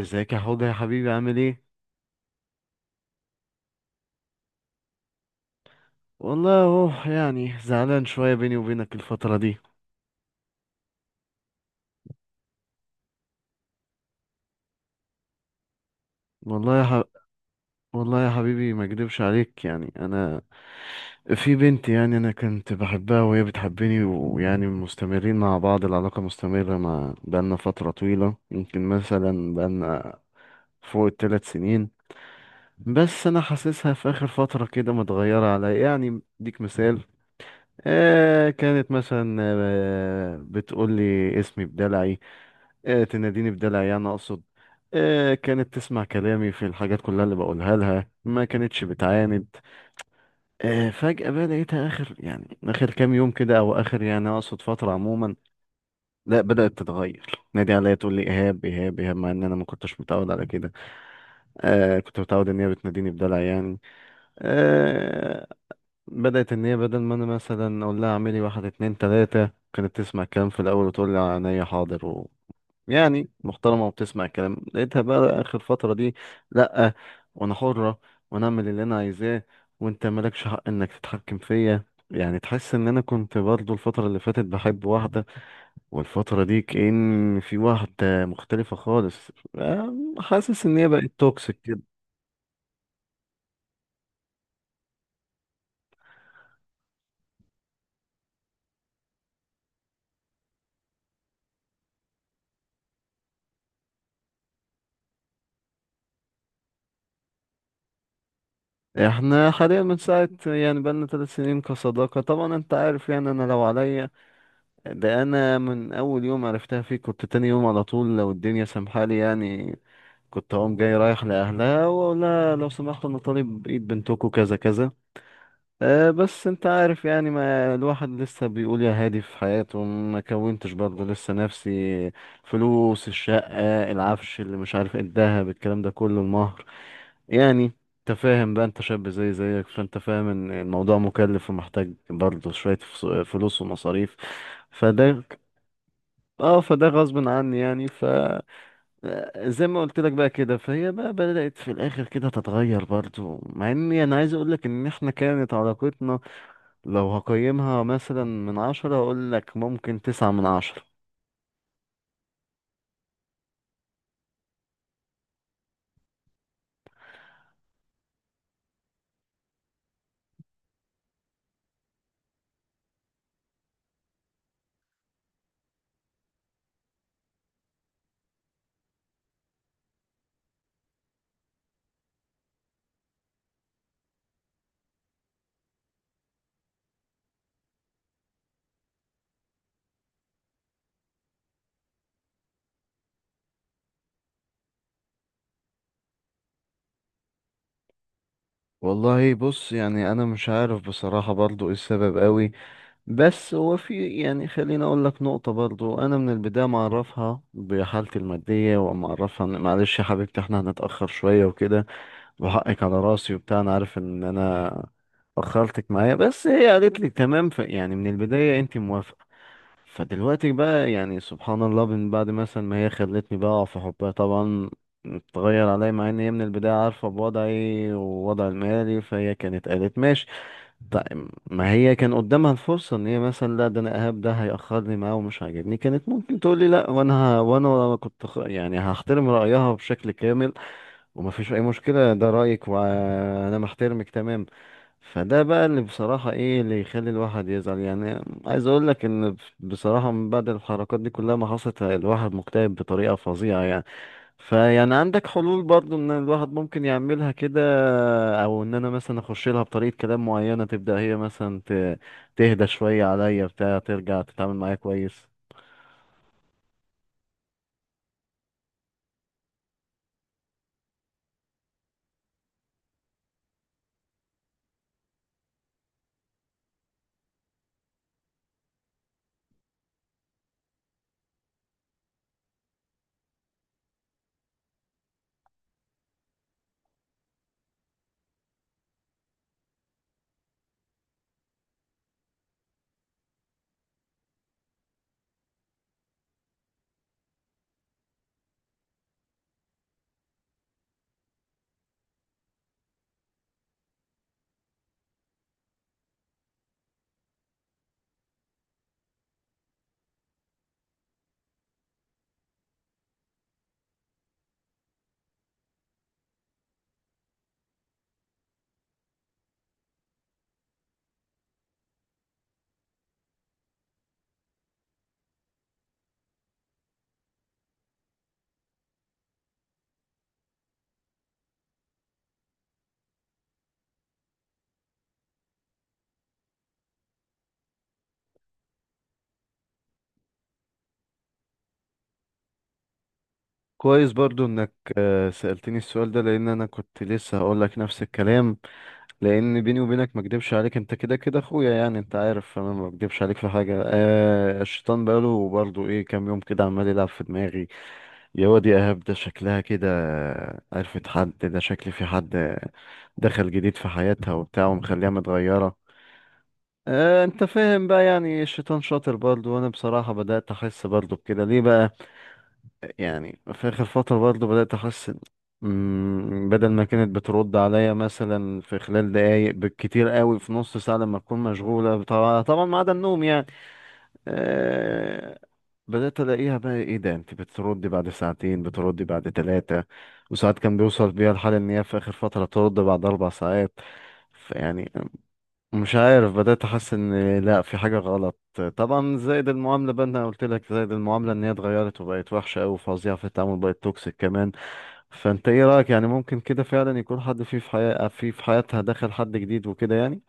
ازيك يا حوض يا حبيبي؟ عامل ايه؟ والله اهو، يعني زعلان شويه بيني وبينك الفتره دي. والله يا ح... والله يا حبيبي، ما اكدبش عليك، يعني انا، في بنت، يعني انا كنت بحبها وهي بتحبني، ويعني مستمرين مع بعض، العلاقه مستمره، مع بقالنا فتره طويله، يمكن مثلا بقالنا فوق الـ 3 سنين. بس انا حاسسها في اخر فتره كده متغيره عليا. يعني اديك مثال، آه كانت مثلا، بتقول لي اسمي بدلعي. تناديني بدلع، يعني اقصد. كانت تسمع كلامي في الحاجات كلها اللي بقولها لها، ما كانتش بتعاند. فجأة بقى لقيتها اخر، يعني اخر كام يوم كده، او اخر يعني اقصد فترة عموما، لا بدأت تتغير، نادي عليا تقول لي ايهاب ايهاب ايهاب، مع ان انا ما كنتش متعود على كده. كنت متعود ان هي بتناديني بدلع يعني. آه، بدأت ان هي بدل ما انا مثلا اقول لها اعملي واحد اتنين تلاتة، كانت تسمع الكلام في الاول وتقول لي عينيا حاضر. يعني محترمة وبتسمع الكلام. لقيتها بقى آخر فترة دي، لأ، وأنا حرة، وأنا أعمل اللي أنا عايزاه، وأنت مالكش حق إنك تتحكم فيا. يعني تحس إن أنا كنت برضو الفترة اللي فاتت بحب واحدة، والفترة دي كأن في واحدة مختلفة خالص. حاسس إن هي بقت توكسيك كده. إحنا حاليا من ساعة، يعني بقالنا 3 سنين كصداقة. طبعا أنت عارف، يعني أنا لو عليا، ده انا من اول يوم عرفتها فيك كنت تاني يوم على طول، لو الدنيا سامحالي يعني، كنت اقوم جاي رايح لاهلها واقول لها لو سمحتوا، انا طالب ايد بنتكم، كذا كذا. أه بس انت عارف، يعني ما الواحد لسه بيقول يا هادي في حياته، ما كونتش برضه لسه نفسي، فلوس الشقة، العفش، اللي مش عارف ايه، الدهب، الكلام ده كله، المهر يعني. انت فاهم بقى، انت شاب زي زيك، فانت فاهم ان الموضوع مكلف ومحتاج برضه شوية فلوس ومصاريف. فده، اه فده غصب عني يعني. ف زي ما قلت لك بقى كده، فهي بقى بدأت في الآخر كده تتغير برضو، مع إني أنا عايز أقول لك إن إحنا كانت علاقتنا، لو هقيمها مثلا من 10، أقول لك ممكن 9 من 10. والله بص، يعني أنا مش عارف بصراحة برضو إيه السبب قوي. بس هو في، يعني خليني أقول لك نقطة، برضو أنا من البداية معرفها بحالتي المادية، ومعرفها إن معلش يا حبيبتي إحنا هنتأخر شوية وكده، وحقك على راسي وبتاع، انا عارف ان انا اخرتك معايا، بس هي قالت لي تمام، ف يعني من البداية انت موافقة. فدلوقتي بقى، يعني سبحان الله، من بعد مثلا ما هي خلتني بقى في حبها طبعا، اتغير عليا، مع ان هي من البداية عارفة بوضعي ووضع المالي، فهي كانت قالت ماشي. طيب ما هي كان قدامها الفرصة ان هي مثلا، لا ده انا اهاب ده هيأخرني معاه ومش عاجبني، كانت ممكن تقول لي لا، وانا وانا كنت يعني هحترم رأيها بشكل كامل، وما فيش اي مشكلة، ده رأيك وانا محترمك تمام. فده بقى اللي بصراحة، ايه اللي يخلي الواحد يزعل، يعني عايز اقول لك ان بصراحة من بعد الحركات دي كلها ما حصلت، الواحد مكتئب بطريقة فظيعة يعني. فيعني عندك حلول برضو ان الواحد ممكن يعملها كده، او ان انا مثلا اخش لها بطريقة كلام معينة تبدأ هي مثلا تهدى شوية عليا بتاع ترجع تتعامل معايا كويس. كويس برضو انك سألتني السؤال ده، لان انا كنت لسه هقول لك نفس الكلام. لان بيني وبينك ما اكدبش عليك، انت كده كده اخويا يعني، انت عارف، فانا ما بكدبش عليك في حاجه. آه الشيطان بقاله برضه ايه، كام يوم كده عمال يلعب في دماغي، يا واد يا ايهاب ده شكلها كده عرفت حد، ده شكلي في حد دخل جديد في حياتها وبتاع ومخليها متغيره. آه انت فاهم بقى، يعني الشيطان شاطر برضه. وانا بصراحه بدات احس برضه بكده. ليه بقى؟ يعني في آخر فترة برضه بدأت أحس بدل ما كانت بترد عليا مثلا في خلال دقايق بالكتير قوي في نص ساعة لما تكون مشغولة، طبعا طبعا ما عدا النوم يعني. أه، بدأت ألاقيها بقى، إيه ده أنت بتردي بعد ساعتين، بتردي بعد 3. وساعات كان بيوصل بيها الحال إن هي في آخر فترة ترد بعد 4 ساعات. فيعني مش عارف، بدأت أحس إن لأ في حاجة غلط. طبعا زائد المعاملة بقى، أنا قلت لك زائد المعاملة إن هي اتغيرت وبقت وحشة أوي وفظيعة في التعامل، بقت توكسيك كمان. فأنت إيه رأيك؟ يعني ممكن كده فعلا يكون حد فيه في حياة في حياتها، دخل حد جديد وكده يعني؟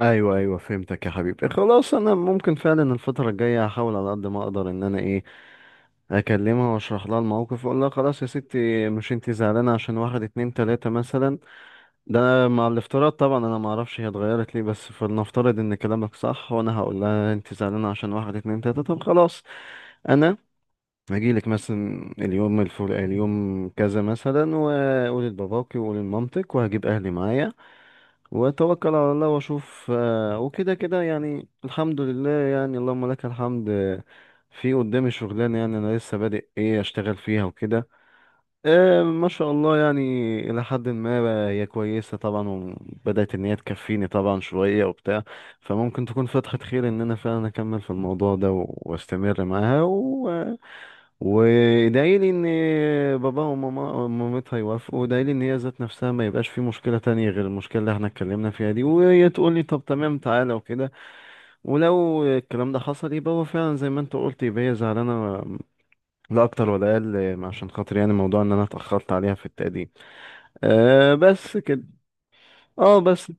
أيوه أيوه فهمتك يا حبيبي، خلاص أنا ممكن فعلا الفترة الجاية هحاول على قد ما أقدر إن أنا إيه، أكلمها وأشرح لها الموقف وأقول لها خلاص يا ستي، مش أنتي زعلانة عشان واحد اتنين تلاتة مثلا؟ ده أنا مع الافتراض طبعا، انا ما اعرفش هي اتغيرت ليه، بس فلنفترض ان كلامك صح، وانا هقول لها انت زعلانه عشان واحد اتنين تلاته، طب خلاص انا هجيلك مثلا اليوم الفلاني، اليوم كذا مثلا، واقول لباباكي واقول لمامتك، وهجيب اهلي معايا واتوكل على الله واشوف. وكده كده يعني الحمد لله، يعني اللهم لك الحمد. في قدامي شغلانه، يعني انا لسه بادئ ايه اشتغل فيها وكده. ما شاء الله يعني، إلى حد ما بقى هي كويسة طبعا، وبدأت إن هي تكفيني طبعا شوية وبتاع. فممكن تكون فتحة خير إن أنا فعلا أكمل في الموضوع ده وأستمر معاها وإدعيلي إن بابا وماما ومامتها يوافقوا، وإدعيلي إن هي ذات نفسها ما يبقاش في مشكلة تانية غير المشكلة اللي إحنا اتكلمنا فيها دي، وهي تقول لي طب تمام تعالى وكده. ولو الكلام ده حصل يبقى هو فعلا زي ما أنت قلت، يبقى هي زعلانة لا أكتر ولا أقل، عشان خاطر يعني موضوع إن أنا اتأخرت عليها في التقديم. آه بس كده. اه بس.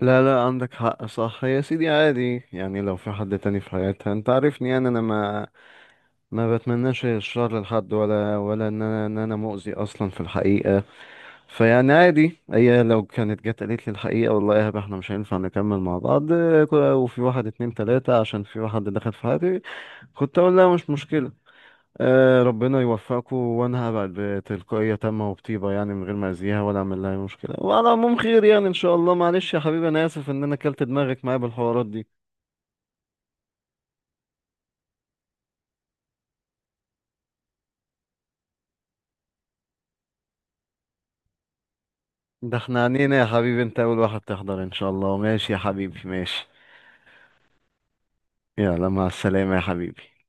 لا لا عندك حق صح يا سيدي، عادي يعني لو في حد تاني في حياتها، انت عارفني يعني انا ما بتمناش الشر لحد، ولا ان انا مؤذي اصلا في الحقيقة. فيعني عادي هي لو كانت جت قالت لي الحقيقة، والله يا هبة احنا مش هينفع نكمل مع بعض، وفي واحد اتنين تلاتة عشان في واحد دخل في حياتي، كنت اقول لها مش مشكلة. آه ربنا يوفقكم، وانا هبعد بتلقائية تامة وبطيبة، يعني من غير ما اذيها ولا اعمل لها أي مشكلة. وعلى العموم خير يعني ان شاء الله. معلش يا حبيبي انا اسف ان انا كلت دماغك معايا بالحوارات دي. ده احنا عنينا يا حبيبي، انت اول واحد تحضر ان شاء الله. ماشي يا حبيبي ماشي. يلا مع السلامة يا حبيبي.